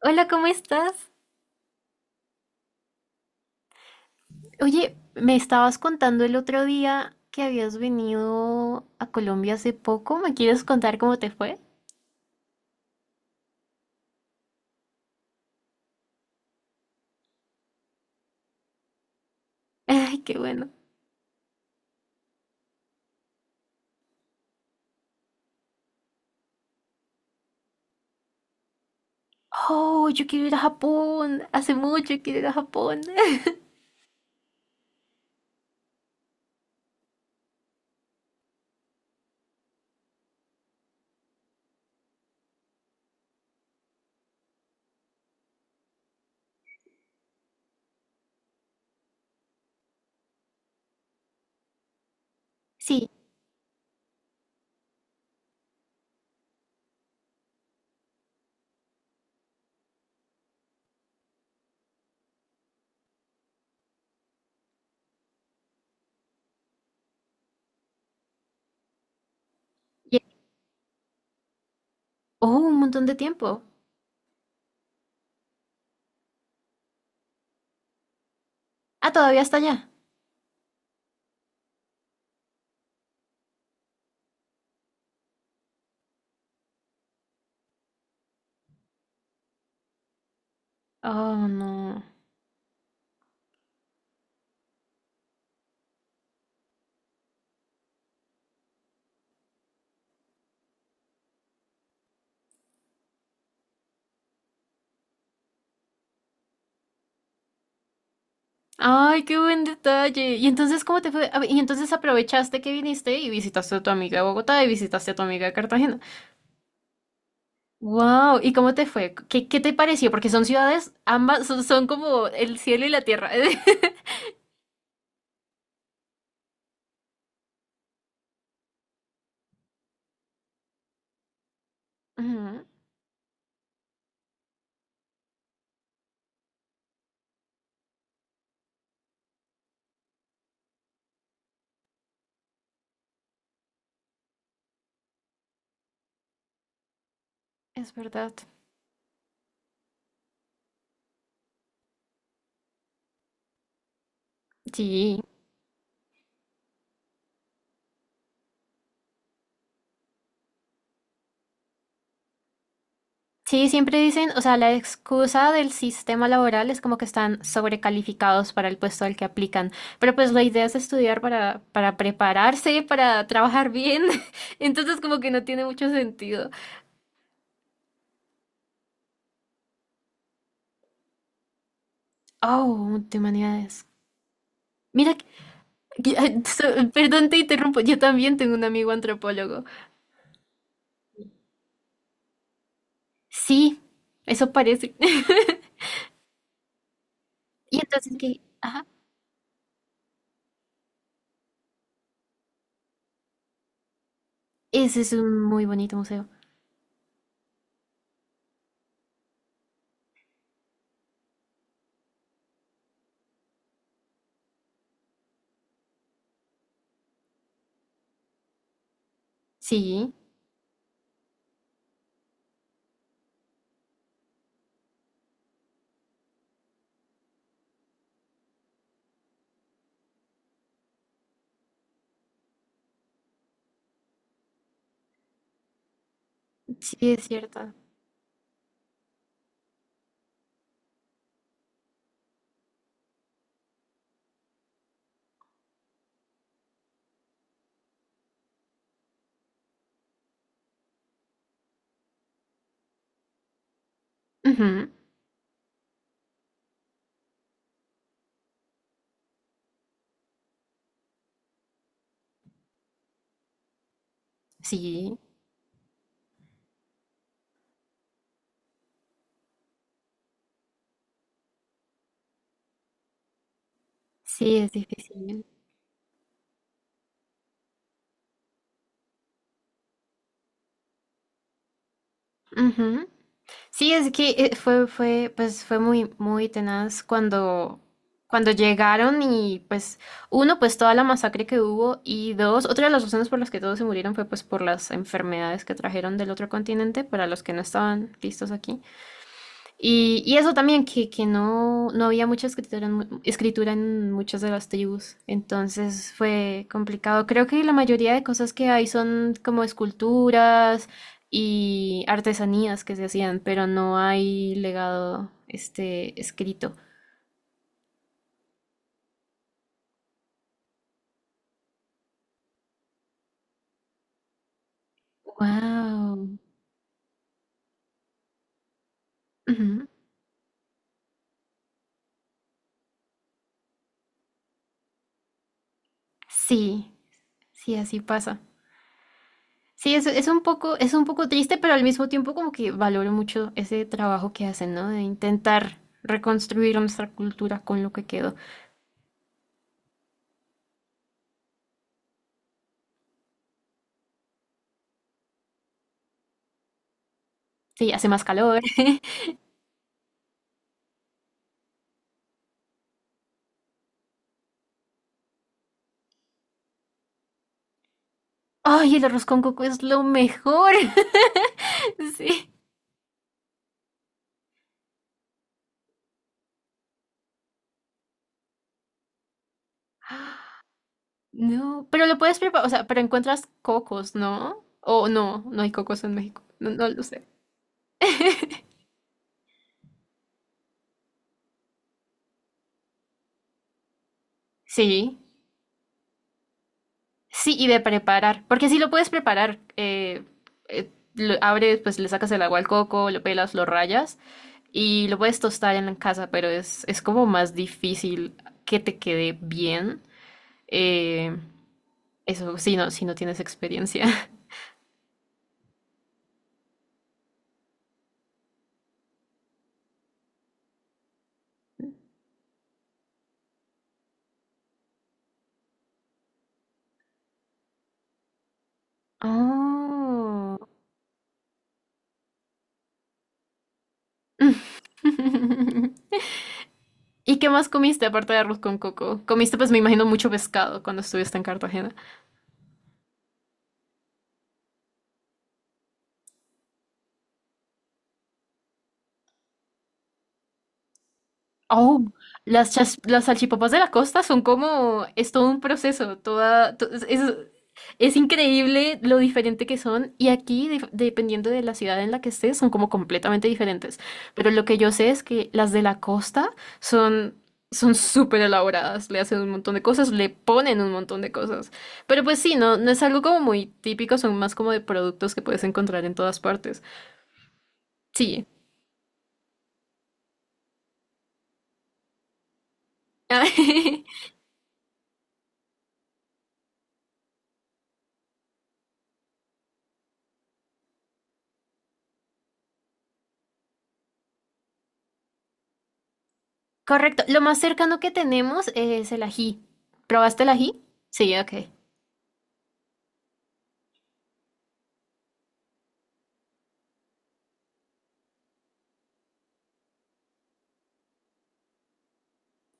Hola, ¿cómo estás? Oye, me estabas contando el otro día que habías venido a Colombia hace poco. ¿Me quieres contar cómo te fue? Ay, qué bueno. Oh, yo quiero ir a Japón. Hace mucho quiero ir a Japón. Sí. ye- Oh, un montón de tiempo. Ah, todavía está allá. Oh, no. Ay, qué buen detalle. ¿Y entonces cómo te fue? A ver, y entonces aprovechaste que viniste y visitaste a tu amiga de Bogotá y visitaste a tu amiga de Cartagena. Wow, ¿y cómo te fue? ¿Qué, qué te pareció? Porque son ciudades, son como el cielo y la tierra. Ujú. Es verdad. Sí. Sí, siempre dicen, o sea, la excusa del sistema laboral es como que están sobrecalificados para el puesto al que aplican, pero pues la idea es estudiar para prepararse, para trabajar bien, entonces como que no tiene mucho sentido. Oh, de humanidades. Mira, que- perdón, te interrumpo, yo también tengo un amigo antropólogo. Sí, eso parece. Y entonces ajá, ese es un muy bonito museo. Sí, sí es cierto. Ujú. Sí, sí es difícil. Ujú. Sí, es que fue, pues fue muy tenaz cuando, cuando llegaron y pues, uno, pues toda la masacre que hubo y dos, otra de las razones por las que todos se murieron fue pues por las enfermedades que trajeron del otro continente para los que no estaban listos aquí. Y eso también, que no había mucha escritura escritura en muchas de las tribus, entonces fue complicado. Creo que la mayoría de cosas que hay son como esculturas y artesanías que se hacían, pero no hay legado este escrito. Wow. Sí, sí, así pasa. Sí, es un poco triste, pero al mismo tiempo como que valoro mucho ese trabajo que hacen, ¿no? De intentar reconstruir nuestra cultura con lo que quedó. Sí, hace más calor. Ay, el arroz con coco es lo mejor. Sí. No, pero lo puedes preparar, o sea, pero encuentras cocos, ¿no? O no, no hay cocos en México. No, no lo sé. Sí, sí, y de preparar, porque sí lo puedes preparar. Eh, lo abres, pues le sacas el agua al coco, lo pelas, lo rayas y lo puedes tostar en la casa, pero es como más difícil que te quede bien. eh, Eso, si no tienes experiencia. Oh. ¿Y qué más comiste aparte de arroz con coco? Comiste, pues me imagino, mucho pescado cuando estuviste en Cartagena. Oh, las salchipapas de la costa son como, es todo un proceso, es- increíble lo diferente que son y aquí, dependiendo de la ciudad en la que estés, son como completamente diferentes. Pero lo que yo sé es que las de la costa son... Son súper elaboradas, le hacen un montón de cosas, le ponen un montón de cosas. Pero pues sí, no es algo como muy típico, son más como de productos que puedes encontrar en todas partes. Sí. Correcto. Lo más cercano que tenemos es el ají. ¿Probaste el ají? Sí, ok.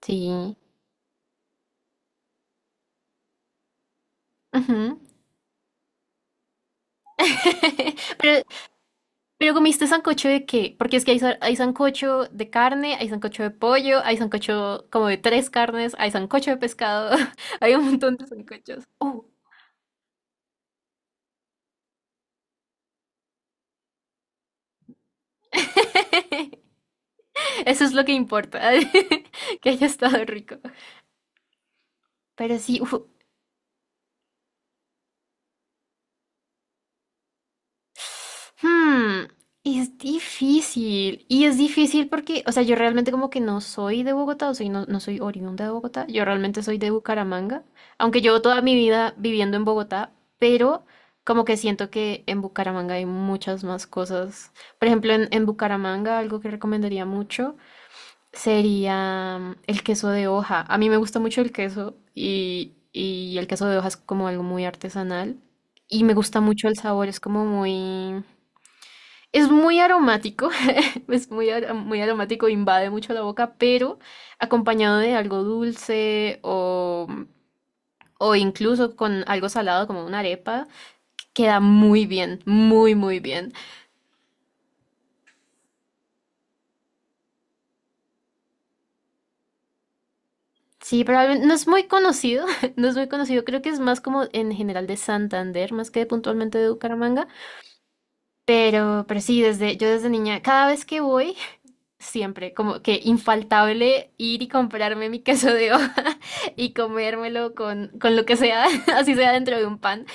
Sí. Ujú. Pero, pero ¿comiste sancocho de qué? Porque es que hay, hay sancocho de carne, hay sancocho de pollo, hay sancocho como de tres carnes, hay sancocho de pescado, hay un montón de sancochos. Eso es lo que importa, que haya estado rico. Pero sí, uf. Hmm, es difícil. Y es difícil porque, o sea, yo realmente como que no soy de Bogotá, o soy no, no soy oriunda de Bogotá. Yo realmente soy de Bucaramanga, aunque llevo toda mi vida viviendo en Bogotá, pero como que siento que en Bucaramanga hay muchas más cosas. Por ejemplo, en Bucaramanga algo que recomendaría mucho sería mm, el queso de hoja. A mí me gusta mucho el queso y el queso de hoja es como algo muy artesanal. Y me gusta mucho el sabor, es como muy... Es muy aromático, es muy aromático, invade mucho la boca, pero acompañado de algo dulce o incluso con algo salado como una arepa, queda muy bien, muy, muy bien. Sí, probablemente no es muy conocido, no es muy conocido, creo que es más como en general de Santander, más que puntualmente de Bucaramanga, pero sí, yo desde niña, cada vez que voy, siempre, como que infaltable ir y comprarme mi queso de hoja y comérmelo con lo que sea, así sea dentro de un pan.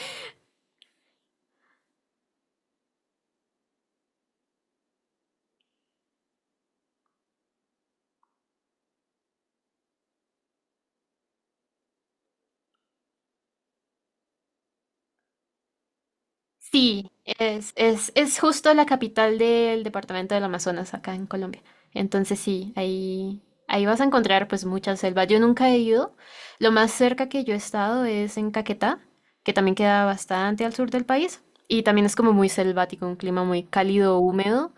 Sí, es justo la capital del departamento del Amazonas, acá en Colombia. Entonces sí, ahí vas a encontrar pues mucha selva. Yo nunca he ido. Lo más cerca que yo he estado es en Caquetá, que también queda bastante al sur del país. Y también es como muy selvático, un clima muy cálido, húmedo.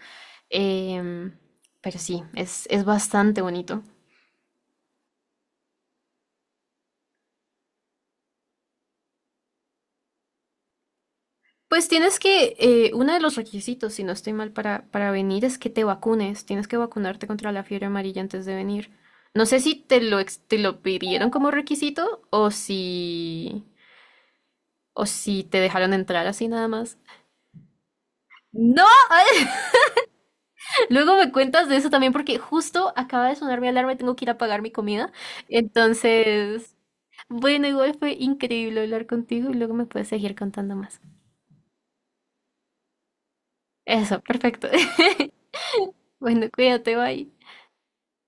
Em, pero sí, es bastante bonito. Pues tienes que, uno de los requisitos, si no estoy mal, para venir es que te vacunes. Tienes que vacunarte contra la fiebre amarilla antes de venir. No sé si te lo, te lo pidieron como requisito o si te dejaron entrar así nada más. No, luego me cuentas de eso también porque justo acaba de sonar mi alarma y tengo que ir a pagar mi comida. Entonces, bueno, igual fue increíble hablar contigo y luego me puedes seguir contando más. Eso, perfecto. Bueno, cuídate, bye.